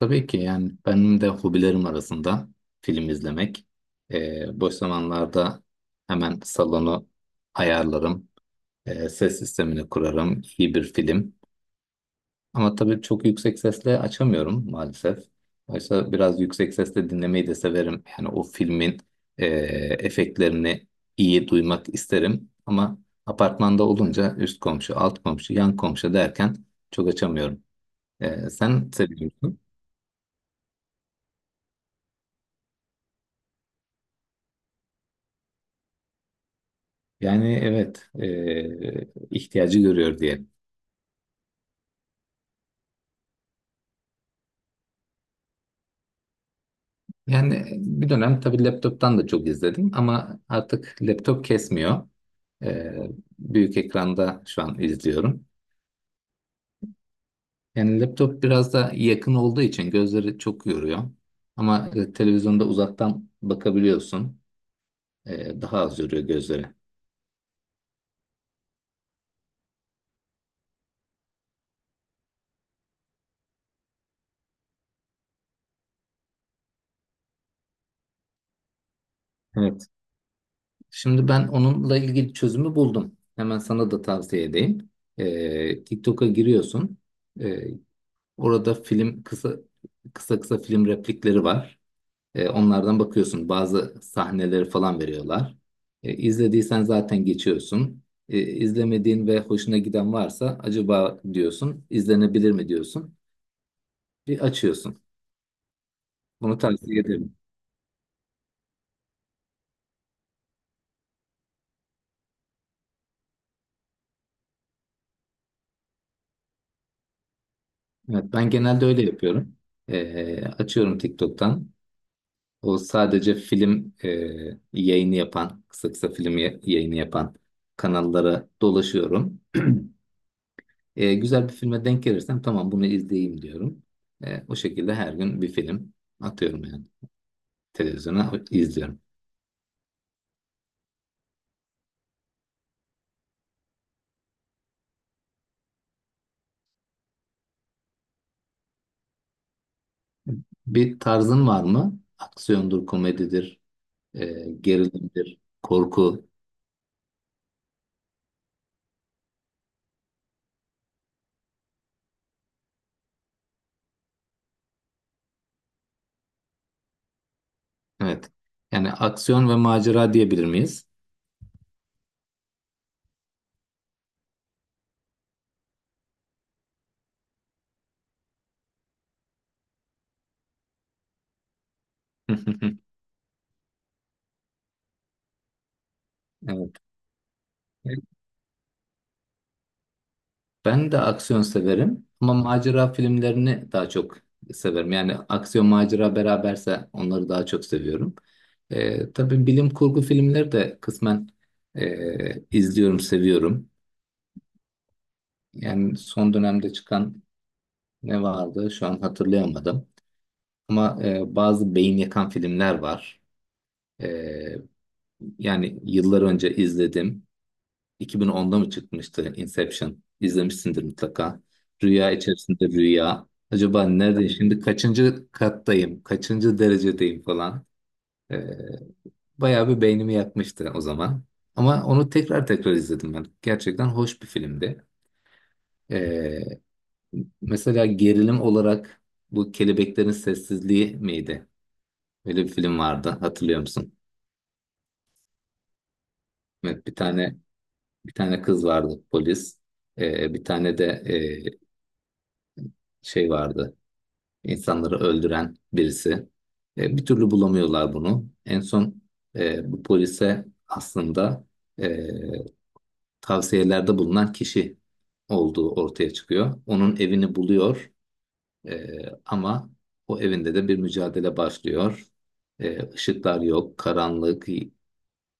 Tabii ki yani benim de hobilerim arasında film izlemek. Boş zamanlarda hemen salonu ayarlarım, ses sistemini kurarım, iyi bir film. Ama tabii çok yüksek sesle açamıyorum maalesef. Oysa biraz yüksek sesle dinlemeyi de severim. Yani o filmin ee, efektlerini iyi duymak isterim. Ama apartmanda olunca üst komşu, alt komşu, yan komşu derken çok açamıyorum. Sen seviyorsun. Yani evet, ihtiyacı görüyor diyelim. Yani bir dönem tabii laptop'tan da çok izledim ama artık laptop kesmiyor. Ee, büyük ekranda şu an izliyorum. Yani laptop biraz da yakın olduğu için gözleri çok yoruyor. Ama televizyonda uzaktan bakabiliyorsun. Daha az yoruyor gözleri. Evet. Şimdi ben onunla ilgili çözümü buldum. Hemen sana da tavsiye edeyim. TikTok'a giriyorsun. Ee, Orada film kısa kısa film replikleri var. Onlardan bakıyorsun. Bazı sahneleri falan veriyorlar. İzlediysen zaten geçiyorsun. İzlemediğin ve hoşuna giden varsa acaba diyorsun, izlenebilir mi diyorsun. Bir açıyorsun. Bunu tavsiye ederim. Evet, ben genelde öyle yapıyorum. Açıyorum TikTok'tan. O sadece film yayını yapan, kısa kısa film yayını yapan kanallara dolaşıyorum. Güzel bir filme denk gelirsem tamam bunu izleyeyim diyorum. O şekilde her gün bir film atıyorum yani. Televizyona izliyorum. Bir tarzın var mı? Aksiyondur, komedidir, e, gerilimdir, korku. Evet. Yani aksiyon ve macera diyebilir miyiz? Evet. Ben de aksiyon severim ama macera filmlerini daha çok severim. Yani aksiyon macera beraberse onları daha çok seviyorum. Tabii bilim kurgu filmleri de kısmen izliyorum, seviyorum. Yani son dönemde çıkan ne vardı şu an hatırlayamadım. Ama bazı beyin yakan filmler var. Ee, yani yıllar önce izledim. 2010'da mı çıkmıştı Inception? İzlemişsindir mutlaka. Rüya içerisinde rüya. Acaba neredeyim şimdi? Kaçıncı kattayım? Kaçıncı derecedeyim falan. Ee, bayağı bir beynimi yakmıştı o zaman. Ama onu tekrar tekrar izledim ben. Gerçekten hoş bir filmdi. Ee, mesela gerilim olarak bu Kelebeklerin Sessizliği miydi? Öyle bir film vardı. Hatırlıyor musun? Evet, bir tane kız vardı polis. Bir tane de şey vardı. İnsanları öldüren birisi. Bir türlü bulamıyorlar bunu. En son bu polise aslında e, tavsiyelerde bulunan kişi olduğu ortaya çıkıyor. Onun evini buluyor, e, ama o evinde de bir mücadele başlıyor. Işıklar yok, karanlık,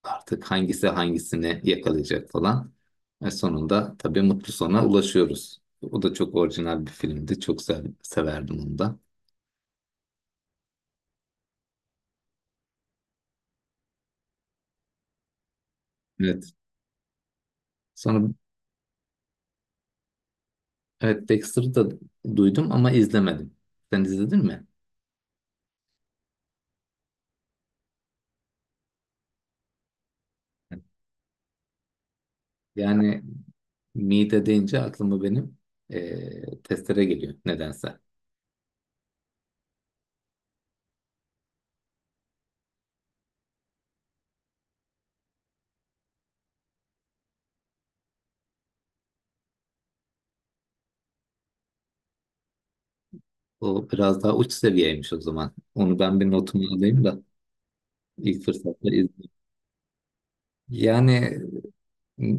artık hangisi hangisini yakalayacak falan. Ve sonunda tabii mutlu sona ulaşıyoruz. O da çok orijinal bir filmdi. Çok severdim onu da. Evet. Sonra, evet, Dexter'ı da duydum ama izlemedim. Sen izledin mi? Yani mide deyince aklıma benim testere geliyor nedense. O biraz daha uç seviyeymiş o zaman. Onu ben bir notumu alayım da ilk fırsatta izleyeyim. Yani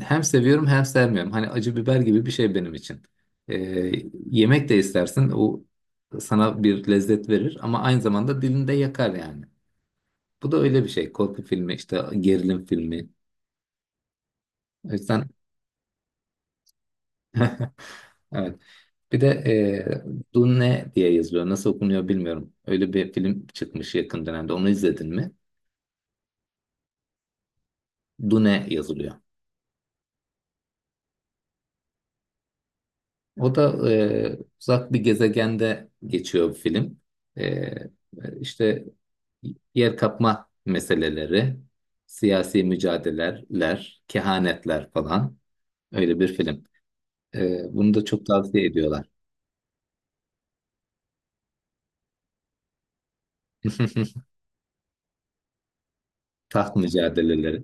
hem seviyorum hem sevmiyorum. Hani acı biber gibi bir şey benim için. Eee, yemek de istersin, o sana bir lezzet verir ama aynı zamanda dilinde yakar yani. Bu da öyle bir şey. Korku filmi, işte gerilim filmi. O yüzden evet. Bir de Dune diye yazılıyor. Nasıl okunuyor bilmiyorum. Öyle bir film çıkmış yakın dönemde. Onu izledin mi? Dune yazılıyor. O da uzak bir gezegende geçiyor bir film. E, işte yer kapma meseleleri, siyasi mücadeleler, kehanetler falan. Öyle bir film. Bunu da çok tavsiye ediyorlar. Taht mücadeleleri.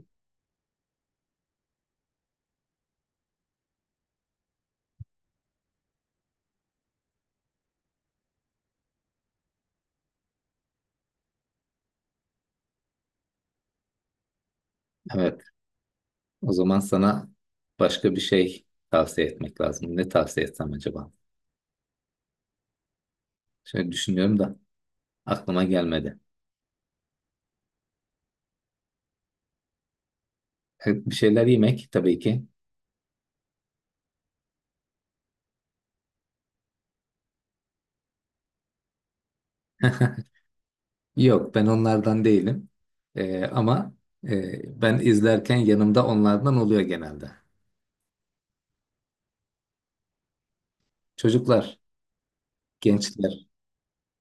Evet. O zaman sana başka bir şey tavsiye etmek lazım. Ne tavsiye etsem acaba? Şöyle düşünüyorum da aklıma gelmedi. Bir şeyler yemek tabii ki. Yok, ben onlardan değilim. Ama ben izlerken yanımda onlardan oluyor genelde. Çocuklar, gençler,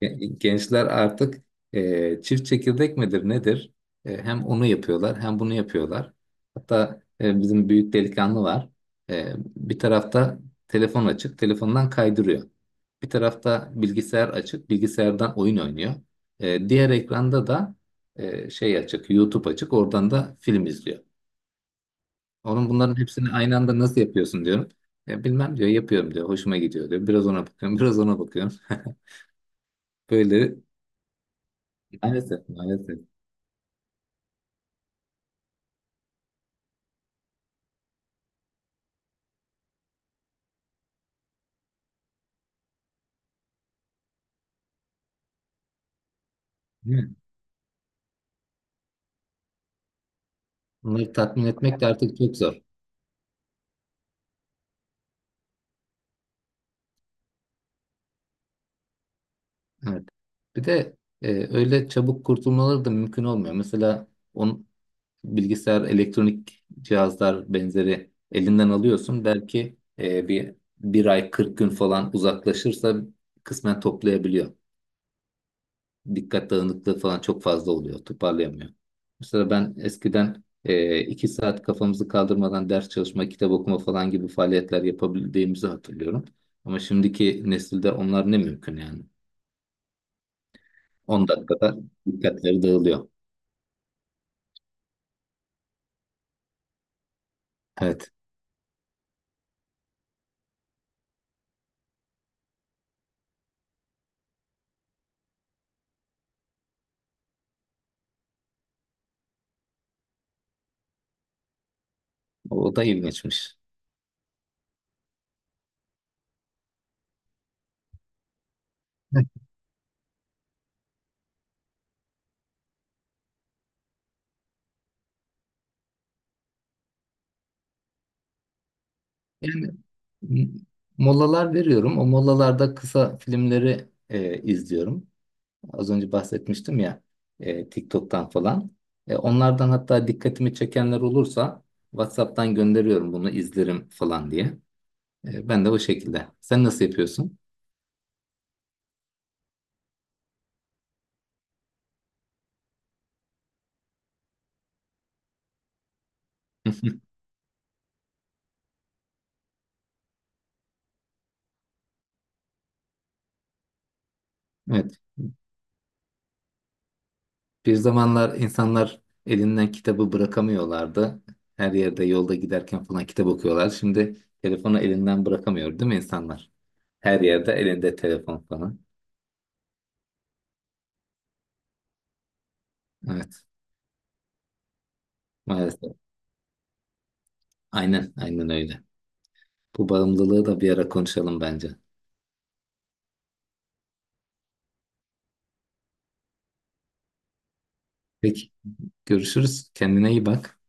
Gençler artık çift çekirdek midir nedir? Hem onu yapıyorlar hem bunu yapıyorlar. Hatta bizim büyük delikanlı var. Bir tarafta telefon açık, telefondan kaydırıyor. Bir tarafta bilgisayar açık, bilgisayardan oyun oynuyor. Diğer ekranda da şey açık, YouTube açık, oradan da film izliyor. Onun, bunların hepsini aynı anda nasıl yapıyorsun diyorum. Bilmem diyor, yapıyorum diyor, hoşuma gidiyor diyor. Biraz ona bakıyorum, biraz ona bakıyorum. Böyle maalesef, maalesef. Değil Onları tatmin etmek de artık çok zor. Evet. Bir de öyle çabuk kurtulmaları da mümkün olmuyor. Mesela on, bilgisayar, elektronik cihazlar benzeri elinden alıyorsun. Belki bir ay, 40 gün falan uzaklaşırsa kısmen toplayabiliyor. Dikkat dağınıklığı falan çok fazla oluyor. Toparlayamıyor. Mesela ben eskiden 2 saat kafamızı kaldırmadan ders çalışma, kitap okuma falan gibi faaliyetler yapabildiğimizi hatırlıyorum. Ama şimdiki nesilde onlar ne mümkün yani. 10 dakikada dikkatleri dağılıyor. Evet. O da ilginçmiş. Yani m- molalar veriyorum. O molalarda kısa filmleri izliyorum. Az önce bahsetmiştim ya, TikTok'tan falan. Onlardan hatta dikkatimi çekenler olursa WhatsApp'tan gönderiyorum, bunu izlerim falan diye. Ben de o şekilde. Sen nasıl yapıyorsun? Evet. Bir zamanlar insanlar elinden kitabı bırakamıyorlardı. Her yerde, yolda giderken falan kitap okuyorlar. Şimdi telefonu elinden bırakamıyor değil mi insanlar? Her yerde elinde telefon falan. Evet. Maalesef. Aynen, aynen öyle. Bu bağımlılığı da bir ara konuşalım bence. Peki. Görüşürüz. Kendine iyi bak.